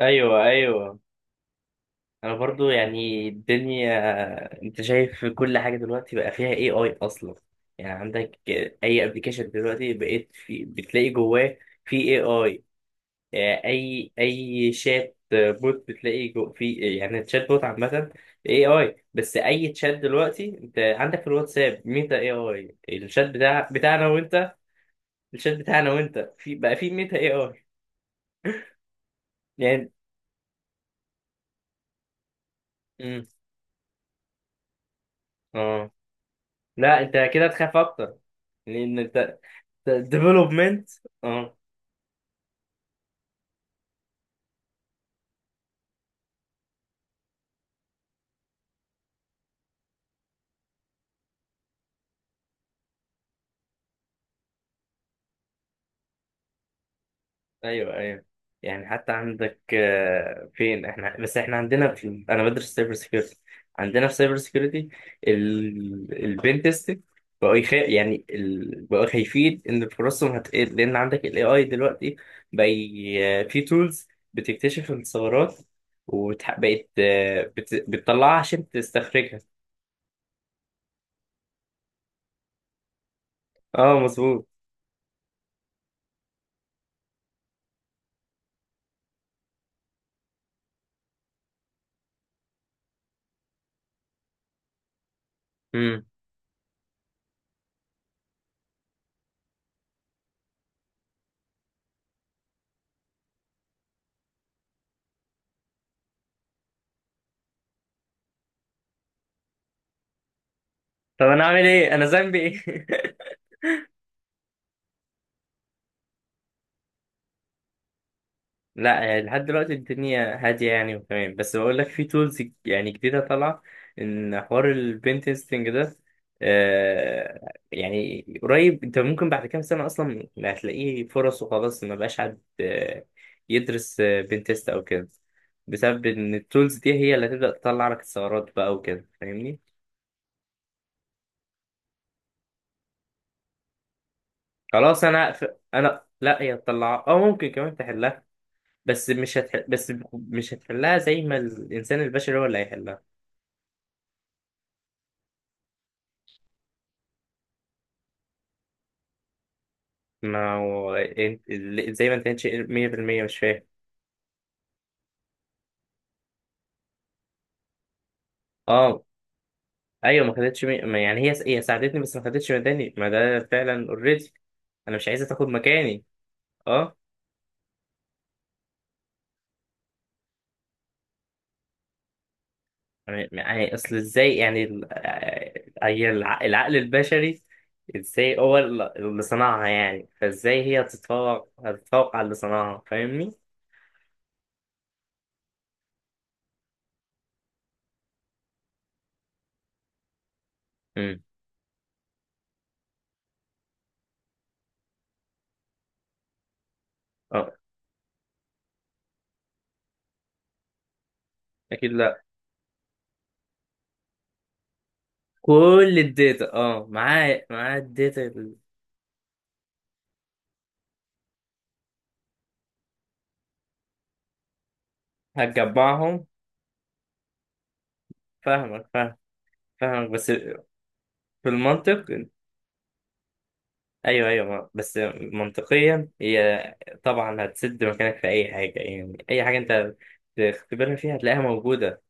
ايوه، ايوه، انا برضو يعني الدنيا انت شايف كل حاجه دلوقتي بقى فيها اي اي اصلا. يعني عندك اي ابلكيشن دلوقتي بقيت في بتلاقي جواه في اي اي شات بوت بتلاقي جو في، يعني الشات بوت عامه اي اي. بس اي تشات دلوقتي انت عندك في الواتساب ميتا اي اي. الشات بتاعنا وانت، الشات بتاعنا وانت في بقى في ميتا اي اي. يعني امم اه لا انت كده تخاف اكتر لان انت ديفلوبمنت. اه ايوه، ايوه، يعني حتى عندك فين احنا، بس احنا عندنا في، انا بدرس سايبر سيكيورتي. عندنا في سايبر سيكيورتي البين تيستنج بقوا بقوا خايفين ان فرصهم هتقل، لان عندك الاي اي دلوقتي بقى ي... آه، في تولز بتكتشف الثغرات وبقت بتطلعها عشان تستخرجها. اه، مظبوط. مم. طب انا اعمل ايه، انا ذنبي ايه؟ لا يعني لحد دلوقتي الدنيا هادية يعني وتمام، بس بقول لك في تولز يعني جديدة طالعة إن حوار البنتستنج ده آه يعني قريب أنت ممكن بعد كام سنة أصلا ما هتلاقيه فرص، وخلاص ما بقاش حد يدرس بنتست أو كده، بسبب إن التولز دي هي اللي هتبدأ تطلع لك ثغرات بقى وكده، فاهمني؟ أنا لا، هي تطلع أو ممكن كمان تحلها، بس مش هتحلها زي ما الإنسان البشري هو اللي هيحلها. ما هو انت زي ما انت كانتش 100% مش فاهم. اه ايوه، ما خدتش مي... ما يعني هي هي ساعدتني بس ما خدتش مكاني، ما ده فعلا اوريدي. انا مش عايزه تاخد مكاني. اه يعني، يعني اصل ازاي يعني ال- آه، هي الع- العقل البشري ازاي هو اللي صنعها، يعني فازاي هي هتتفوق على اللي صنعها، فاهمني؟ امم اه، اكيد لا. كل الداتا، اه، معاه الداتا اللي هتجمعهم. فاهمك، فاهم، فاهمك، بس في المنطق. ايوه، ايوه، بس منطقيا هي طبعا هتسد مكانك في اي حاجه، يعني اي حاجه انت تختبرها فيها هتلاقيها موجوده.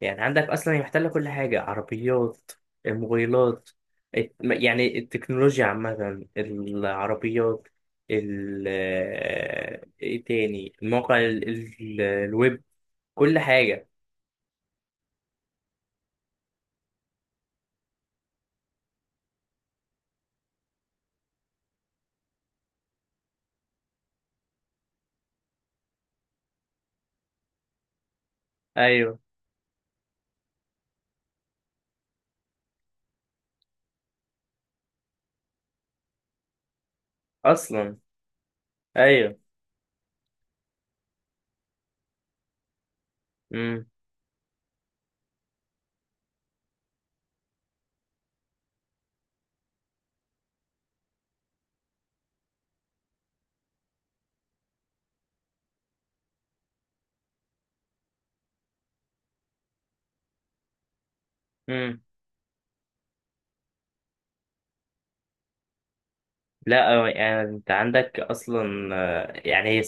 يعني عندك اصلا هي محتله كل حاجه، عربيات، الموبايلات، يعني التكنولوجيا عامه، العربيات، ال آه، ايه تاني، الموقع، الويب، كل حاجه. ايوه، اصلا، ايوه، امم لا يعني انت عندك اصلا يعني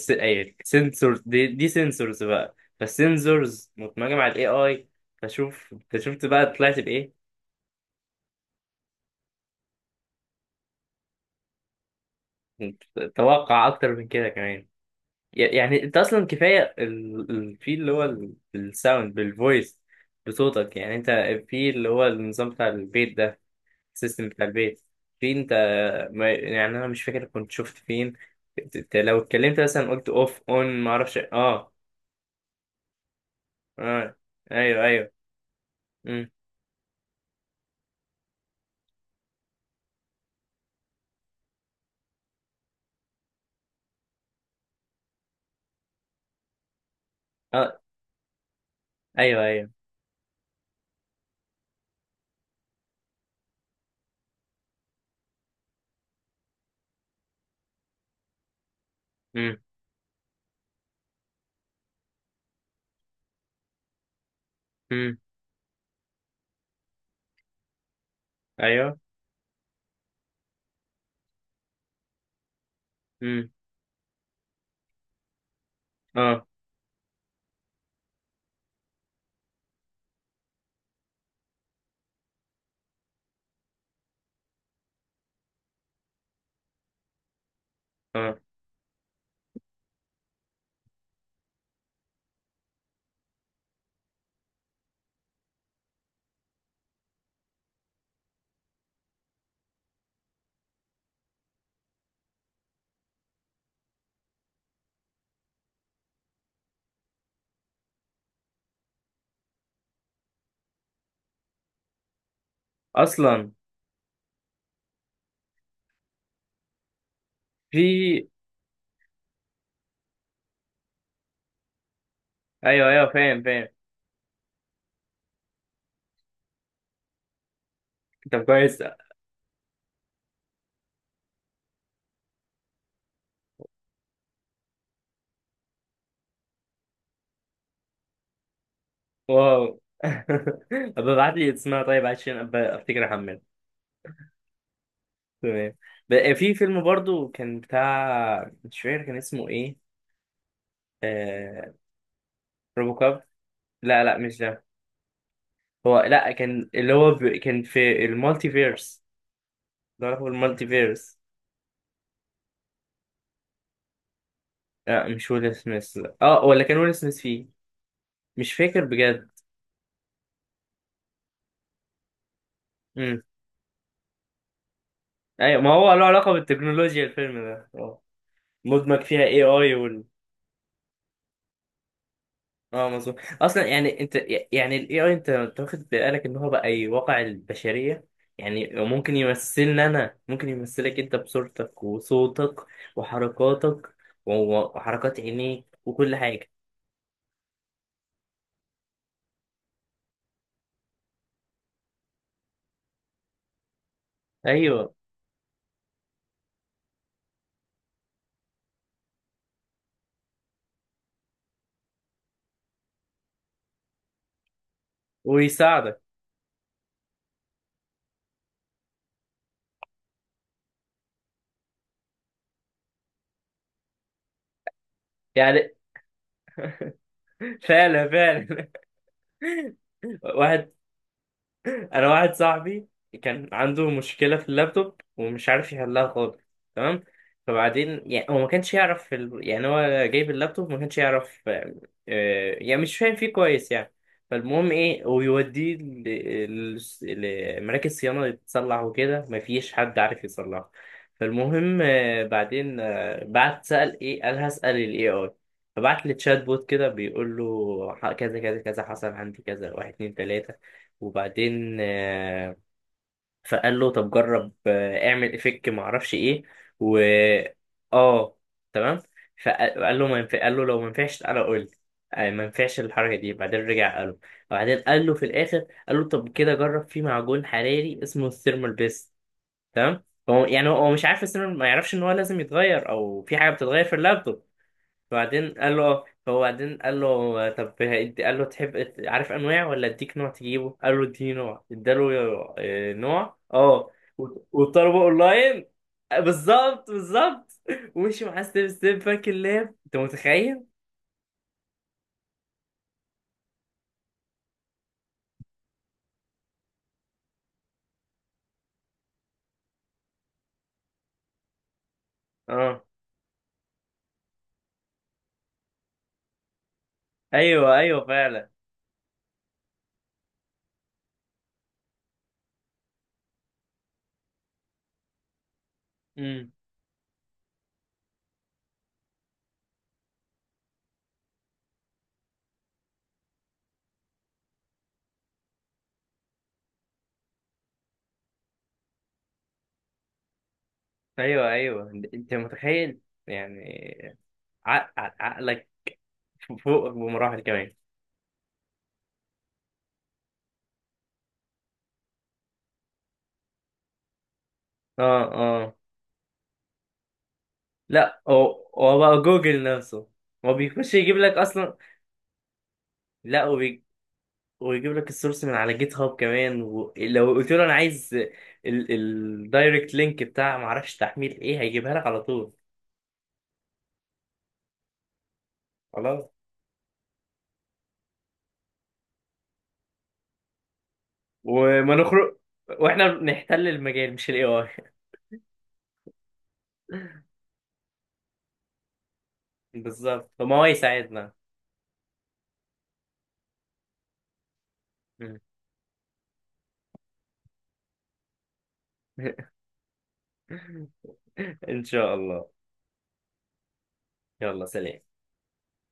سنسورز، دي سنسورز بقى، فالسنسورز متمجمة على الاي اي. فشوف انت شفت بقى طلعت بايه؟ انت توقع اكتر من كده كمان. يعني انت اصلا كفايه في اللي هو الساوند بالفويس بصوتك، يعني انت في اللي هو النظام بتاع البيت ده، السيستم بتاع البيت في، انت يعني انا مش فاكر كنت شفت فين، لو اتكلمت مثلا قلت اوف، اون، ما اعرفش. اه، اه، ايوه، ايوه، امم اه، ايوه، ايوه، امم، امم، ايوه، امم اه، اه، اصلا في. ايوه، ايوه، فاهم، فاهم، طب كويس، واو. طب ابعت لي اسمها طيب، عشان أبقى افتكر احمل. تمام. بقى في فيلم برضو كان بتاع، مش فاكر كان اسمه ايه. آه... روبو كاب؟ لا، لا، مش ده. هو لا، كان اللي هو كان في المالتي فيرس، ده هو المالتي فيرس. لا مش ويل سميث، اه، ولا كان ويل سميث فيه؟ مش فاكر بجد. امم ايوه، ما هو له علاقه بالتكنولوجيا الفيلم ده، اه، مدمج فيها اي اي اه، مظبوط اصلا. يعني انت، يعني الاي اي، انت واخد بالك ان هو بقى يواقع البشريه، يعني ممكن يمثلنا، انا ممكن يمثلك انت بصورتك وصوتك وحركاتك و- وحركات عينيك وكل حاجه. ايوه، ويساعدك. يعني فعلا، فعلا. واحد، انا واحد صاحبي كان عنده مشكله في اللابتوب ومش عارف يحلها خالص. تمام. فبعدين يعني هو ما كانش يعرف في يعني هو جايب اللابتوب ما كانش يعرف، يعني مش فاهم فيه كويس يعني. فالمهم ايه، ويوديه لمراكز صيانه يتصلح وكده، ما فيش حد عارف يصلحه. فالمهم بعدين، بعت، سأل ايه، قال هسأل الاي اي. فبعت لي تشات بوت كده، بيقول له كذا كذا كذا حصل عندي كذا، واحد اتنين تلاته. وبعدين فقال له طب جرب، اعمل افك ما اعرفش ايه، و اه تمام. فقال له ما ينفع، قال له لو ما ينفعش تعالى قول لي. ما ينفعش الحركه دي، بعدين رجع قال له، وبعدين قال له في الاخر قال له طب كده جرب في معجون حراري اسمه الثيرمال بيست. تمام. هو يعني، هو مش عارف الثيرمال، ما يعرفش ان هو لازم يتغير او في حاجه بتتغير في اللابتوب. وبعدين قال له، هو بعدين قال له طب قال له تحب عارف انواع ولا اديك نوع تجيبه، قال له اديني نوع، اداله نوع، اه. وطلبه اونلاين. بالظبط، بالظبط. ومشي معاه ستيب ستيب، باك اللاب، انت متخيل؟ اه، ايوه، ايوه، فعلا. امم ايوه، ايوه، انت متخيل يعني، عقلك فوق بمراحل كمان. اه، اه، لا، هو بقى جوجل نفسه، هو بيخش يجيب لك اصلا. لا، ويجيب لك السورس من على جيت هاب كمان، ولو قلت له انا عايز الدايركت لينك بتاع معرفش تحميل ايه هيجيبها لك على طول. خلاص. وما نخرج، واحنا بنحتل المجال مش الاي اي. بالظبط، فما هو يساعدنا. ان شاء الله. يلا سلام.